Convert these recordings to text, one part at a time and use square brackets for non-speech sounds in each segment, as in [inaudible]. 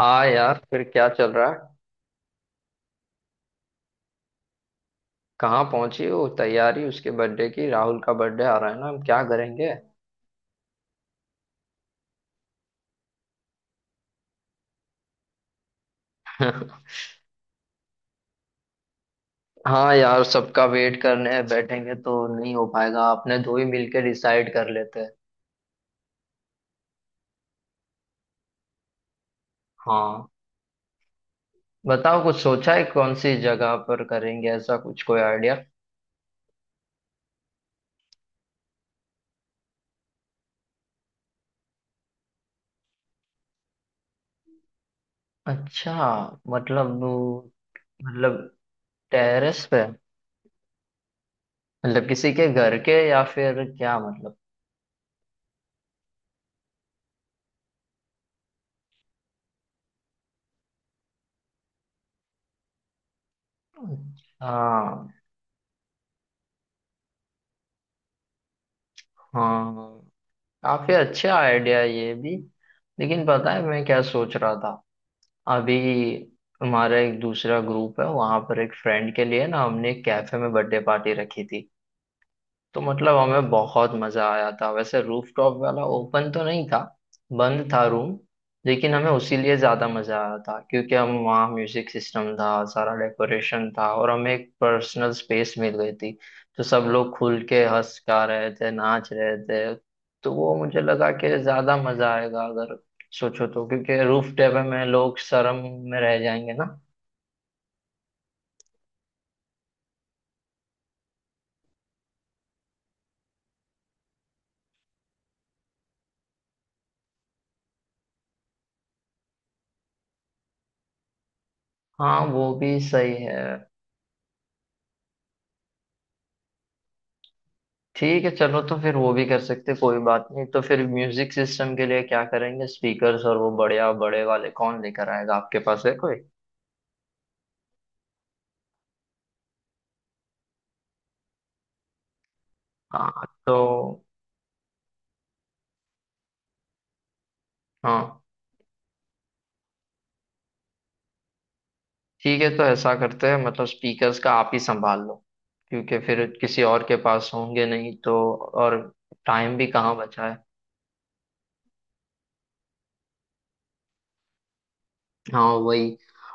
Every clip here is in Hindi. हाँ यार, फिर क्या चल रहा है? कहाँ पहुंची हो तैयारी उसके बर्थडे की? राहुल का बर्थडे आ रहा है ना, हम क्या करेंगे? [laughs] हाँ यार, सबका वेट करने बैठेंगे तो नहीं हो पाएगा। आपने दो ही मिलके डिसाइड कर लेते हैं। हाँ, बताओ, कुछ सोचा है कौन सी जगह पर करेंगे? ऐसा कुछ कोई आइडिया? अच्छा, मतलब मतलब टेरेस पे? मतलब किसी के घर के या फिर क्या मतलब? हाँ। हाँ, काफी अच्छा आइडिया है ये भी। लेकिन पता है मैं क्या सोच रहा था अभी? हमारा एक दूसरा ग्रुप है, वहां पर एक फ्रेंड के लिए ना हमने एक कैफे में बर्थडे पार्टी रखी थी। तो मतलब हमें बहुत मजा आया था। वैसे रूफटॉप वाला ओपन तो नहीं था, बंद था रूम। लेकिन हमें उसी लिए ज्यादा मजा आया था, क्योंकि हम वहाँ म्यूजिक सिस्टम था, सारा डेकोरेशन था, और हमें एक पर्सनल स्पेस मिल गई थी। तो सब लोग खुल के हंस गा रहे थे, नाच रहे थे। तो वो मुझे लगा कि ज्यादा मजा आएगा अगर सोचो तो, क्योंकि रूफ टॉप में लोग शर्म में रह जाएंगे ना। हाँ वो भी सही है। ठीक है चलो, तो फिर वो भी कर सकते, कोई बात नहीं। तो फिर म्यूजिक सिस्टम के लिए क्या करेंगे? स्पीकर्स और वो बढ़िया बड़े वाले कौन लेकर आएगा? आपके पास है कोई? हाँ तो। हाँ ठीक है, तो ऐसा करते हैं, मतलब स्पीकर्स का आप ही संभाल लो, क्योंकि फिर किसी और के पास होंगे नहीं। तो और टाइम भी कहाँ बचा है? हाँ वही।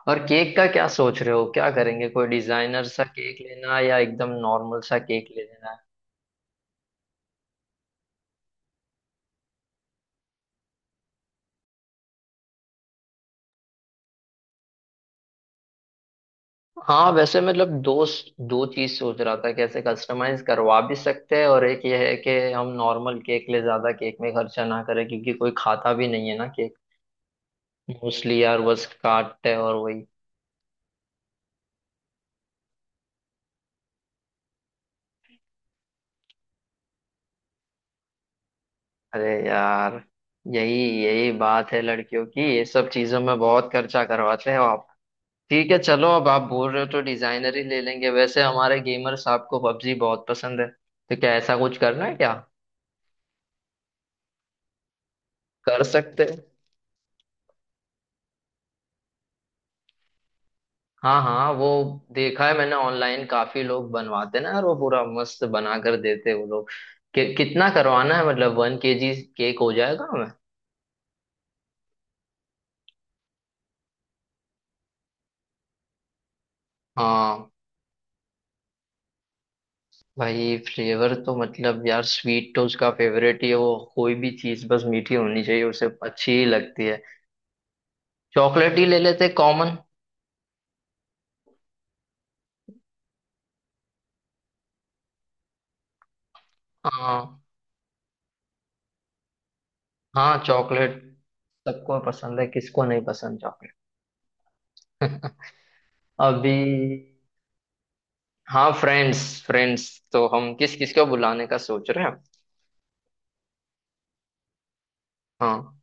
और केक का क्या सोच रहे हो, क्या करेंगे? कोई डिजाइनर सा केक लेना है या एकदम नॉर्मल सा केक ले लेना है? हाँ वैसे मतलब, दो दो चीज सोच रहा था। कैसे कस्टमाइज करवा भी सकते हैं, और एक ये है कि हम नॉर्मल केक ले, ज्यादा केक में खर्चा ना करें, क्योंकि कोई खाता भी नहीं है ना केक। मोस्टली यार बस काटते हैं और वही। अरे यार, यही यही बात है लड़कियों की, ये सब चीजों में बहुत खर्चा करवाते हैं आप। ठीक है चलो, अब आप बोल रहे हो तो डिजाइनर ही ले लेंगे। वैसे हमारे गेमर साहब को पबजी बहुत पसंद है, तो क्या ऐसा कुछ करना है क्या? कर सकते हैं। हाँ हाँ वो, देखा है मैंने ऑनलाइन, काफी लोग बनवाते हैं ना यार, वो पूरा मस्त बना कर देते हैं वो लोग। कितना करवाना है? मतलब 1 केजी केक हो जाएगा हमें? हाँ, भाई फ्लेवर तो मतलब यार, स्वीट तो उसका फेवरेट ही है। वो कोई भी चीज बस मीठी होनी चाहिए, उसे अच्छी ही लगती है। चॉकलेट ही ले लेते, कॉमन। हाँ हाँ चॉकलेट सबको पसंद है, किसको नहीं पसंद चॉकलेट? [laughs] अभी, हाँ फ्रेंड्स। फ्रेंड्स तो हम किस किस को बुलाने का सोच रहे हैं? हाँ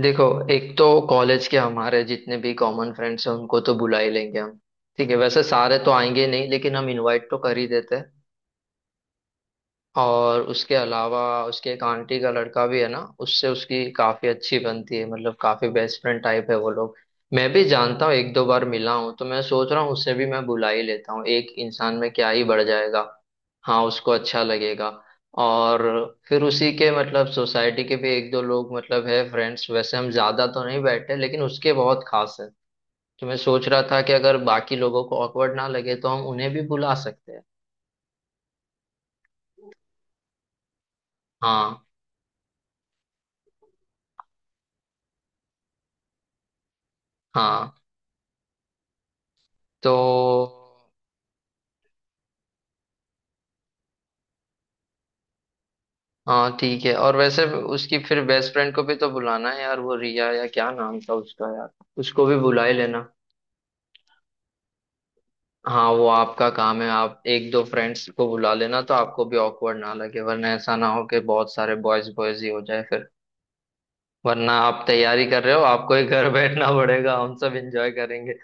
देखो, एक तो कॉलेज के हमारे जितने भी कॉमन फ्रेंड्स हैं उनको तो बुला ही लेंगे हम। ठीक है, वैसे सारे तो आएंगे नहीं, लेकिन हम इनवाइट तो कर ही देते हैं। और उसके अलावा, उसके एक आंटी का लड़का भी है ना, उससे उसकी काफी अच्छी बनती है, मतलब काफी बेस्ट फ्रेंड टाइप है वो लोग। मैं भी जानता हूँ, एक दो बार मिला हूँ, तो मैं सोच रहा हूँ उससे भी मैं बुला ही लेता हूँ, एक इंसान में क्या ही बढ़ जाएगा। हाँ उसको अच्छा लगेगा। और फिर उसी के मतलब सोसाइटी के भी एक दो लोग, मतलब है फ्रेंड्स, वैसे हम ज्यादा तो नहीं बैठे लेकिन उसके बहुत खास है। तो मैं सोच रहा था कि अगर बाकी लोगों को ऑकवर्ड ना लगे तो हम उन्हें भी बुला सकते हैं। हाँ। हाँ तो। हाँ ठीक है। और वैसे उसकी फिर बेस्ट फ्रेंड को भी तो बुलाना है यार, वो रिया या क्या नाम था उसका यार, उसको भी बुला ही लेना। हाँ वो आपका काम है, आप एक दो फ्रेंड्स को बुला लेना तो आपको भी ऑकवर्ड ना लगे, वरना ऐसा ना हो कि बहुत सारे बॉयज बॉयज ही हो जाए फिर। वरना आप तैयारी कर रहे हो, आपको ही घर [laughs] बैठना पड़ेगा, हम सब एंजॉय करेंगे।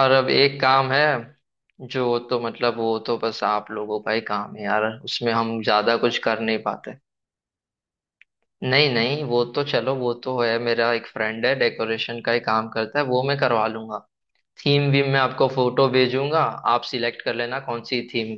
और अब एक काम है, जो तो मतलब वो तो बस आप लोगों का ही काम है यार, उसमें हम ज्यादा कुछ कर नहीं पाते। नहीं नहीं, वो तो चलो, वो तो है, मेरा एक फ्रेंड है डेकोरेशन का ही काम करता है, वो मैं करवा लूंगा। थीम वीम मैं आपको फोटो भेजूंगा, आप सिलेक्ट कर लेना कौन सी थीम।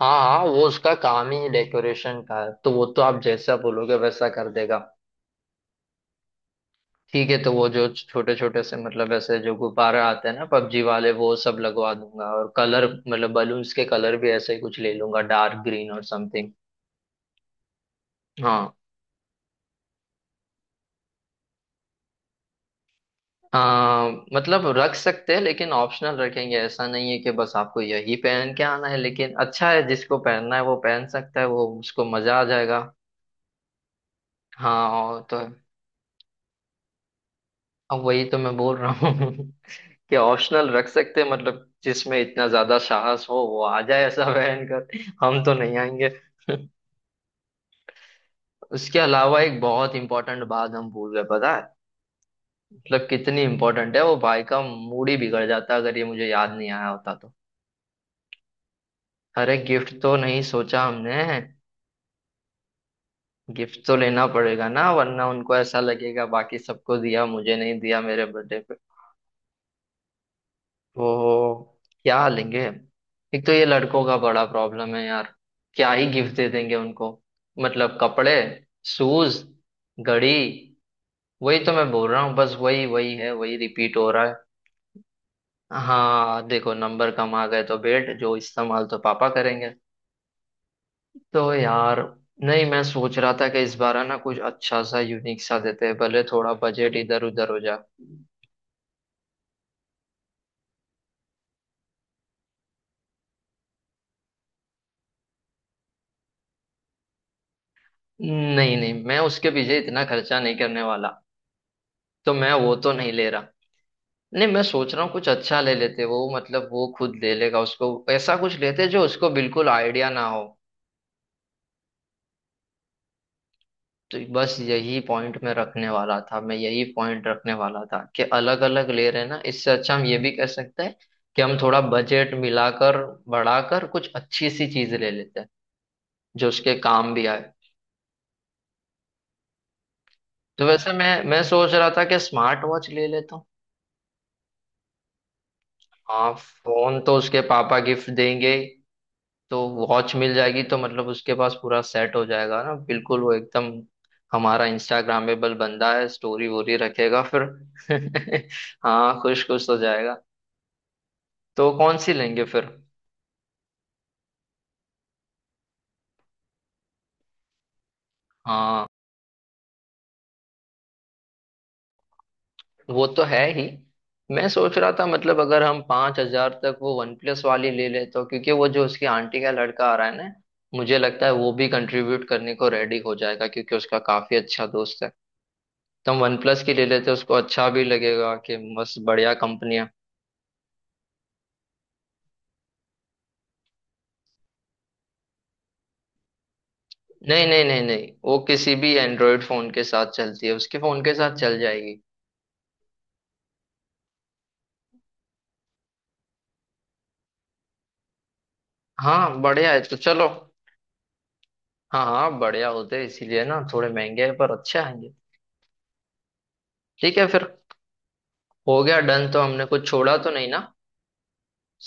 हाँ हाँ, वो उसका काम ही डेकोरेशन का है, तो वो तो आप जैसा बोलोगे वैसा कर देगा। ठीक है, तो वो जो छोटे छोटे से मतलब ऐसे जो गुब्बारा आते हैं ना पबजी वाले, वो सब लगवा दूंगा, और कलर मतलब बलून्स के कलर भी ऐसे ही कुछ ले लूंगा, डार्क ग्रीन और समथिंग। हाँ। मतलब रख सकते हैं, लेकिन ऑप्शनल रखेंगे। ऐसा नहीं है कि बस आपको यही पहन के आना है, लेकिन अच्छा है, जिसको पहनना है वो पहन सकता है, वो उसको मजा आ जाएगा। हाँ और तो। अब वही तो मैं बोल रहा हूँ [laughs] कि ऑप्शनल रख सकते हैं, मतलब जिसमें इतना ज्यादा साहस हो वो आ जाए ऐसा पहन कर। हम तो नहीं आएंगे [laughs] उसके अलावा एक बहुत इंपॉर्टेंट बात हम भूल गए, पता है? मतलब कितनी इंपॉर्टेंट है, वो भाई का मूड ही बिगड़ जाता अगर ये मुझे याद नहीं आया होता तो। अरे गिफ्ट तो नहीं सोचा हमने। गिफ्ट तो लेना पड़ेगा ना, वरना उनको ऐसा लगेगा बाकी सबको दिया, मुझे नहीं दिया मेरे बर्थडे पे। तो क्या लेंगे? एक तो ये लड़कों का बड़ा प्रॉब्लम है यार, क्या ही गिफ्ट दे देंगे उनको? मतलब कपड़े, शूज, घड़ी, वही तो मैं बोल रहा हूँ, बस वही वही है, वही रिपीट हो रहा है। हाँ देखो, नंबर कम आ गए तो बेट जो, इस्तेमाल तो पापा करेंगे। तो यार, नहीं मैं सोच रहा था कि इस बार है ना, कुछ अच्छा सा यूनिक सा देते हैं, भले थोड़ा बजट इधर उधर हो जा। नहीं नहीं, मैं उसके पीछे इतना खर्चा नहीं करने वाला, तो मैं वो तो नहीं ले रहा। नहीं, मैं सोच रहा हूँ कुछ अच्छा ले लेते, वो मतलब वो खुद ले लेगा, उसको ऐसा कुछ लेते जो उसको बिल्कुल आइडिया ना हो। तो बस यही पॉइंट मैं रखने वाला था, मैं यही पॉइंट रखने वाला था कि अलग अलग ले रहे हैं ना, इससे अच्छा हम ये भी कह सकते हैं कि हम थोड़ा बजट मिलाकर बढ़ाकर कुछ अच्छी सी चीज ले लेते हैं, जो उसके काम भी आए। तो वैसे मैं सोच रहा था कि स्मार्ट वॉच ले लेता हूँ। हाँ फोन तो उसके पापा गिफ्ट देंगे ही, तो वॉच मिल जाएगी तो मतलब उसके पास पूरा सेट हो जाएगा ना, बिल्कुल वो एकदम हमारा इंस्टाग्रामेबल बंदा है, स्टोरी वोरी रखेगा फिर [laughs] हाँ, खुश खुश हो जाएगा। तो कौन सी लेंगे फिर? हाँ वो तो है ही। मैं सोच रहा था, मतलब अगर हम 5,000 तक वो वन प्लस वाली ले ले, तो क्योंकि वो जो उसकी आंटी का लड़का आ रहा है ना, मुझे लगता है वो भी कंट्रीब्यूट करने को रेडी हो जाएगा, क्योंकि उसका काफी अच्छा दोस्त है। तो हम वन प्लस की ले लेते, उसको अच्छा भी लगेगा कि बस बढ़िया कंपनियां। नहीं नहीं नहीं नहीं, वो किसी भी एंड्रॉयड फोन के साथ चलती है, उसके फोन के साथ चल जाएगी। हाँ बढ़िया है, तो चलो। हाँ हाँ बढ़िया होते हैं, इसीलिए ना थोड़े महंगे हैं, पर अच्छे आएंगे। ठीक है फिर, हो गया डन। तो हमने कुछ छोड़ा तो नहीं ना?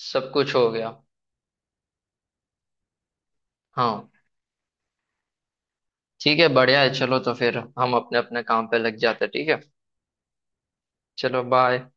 सब कुछ हो गया। हाँ ठीक है, बढ़िया है, चलो तो फिर हम अपने अपने काम पे लग जाते हैं, ठीक है? चलो बाय।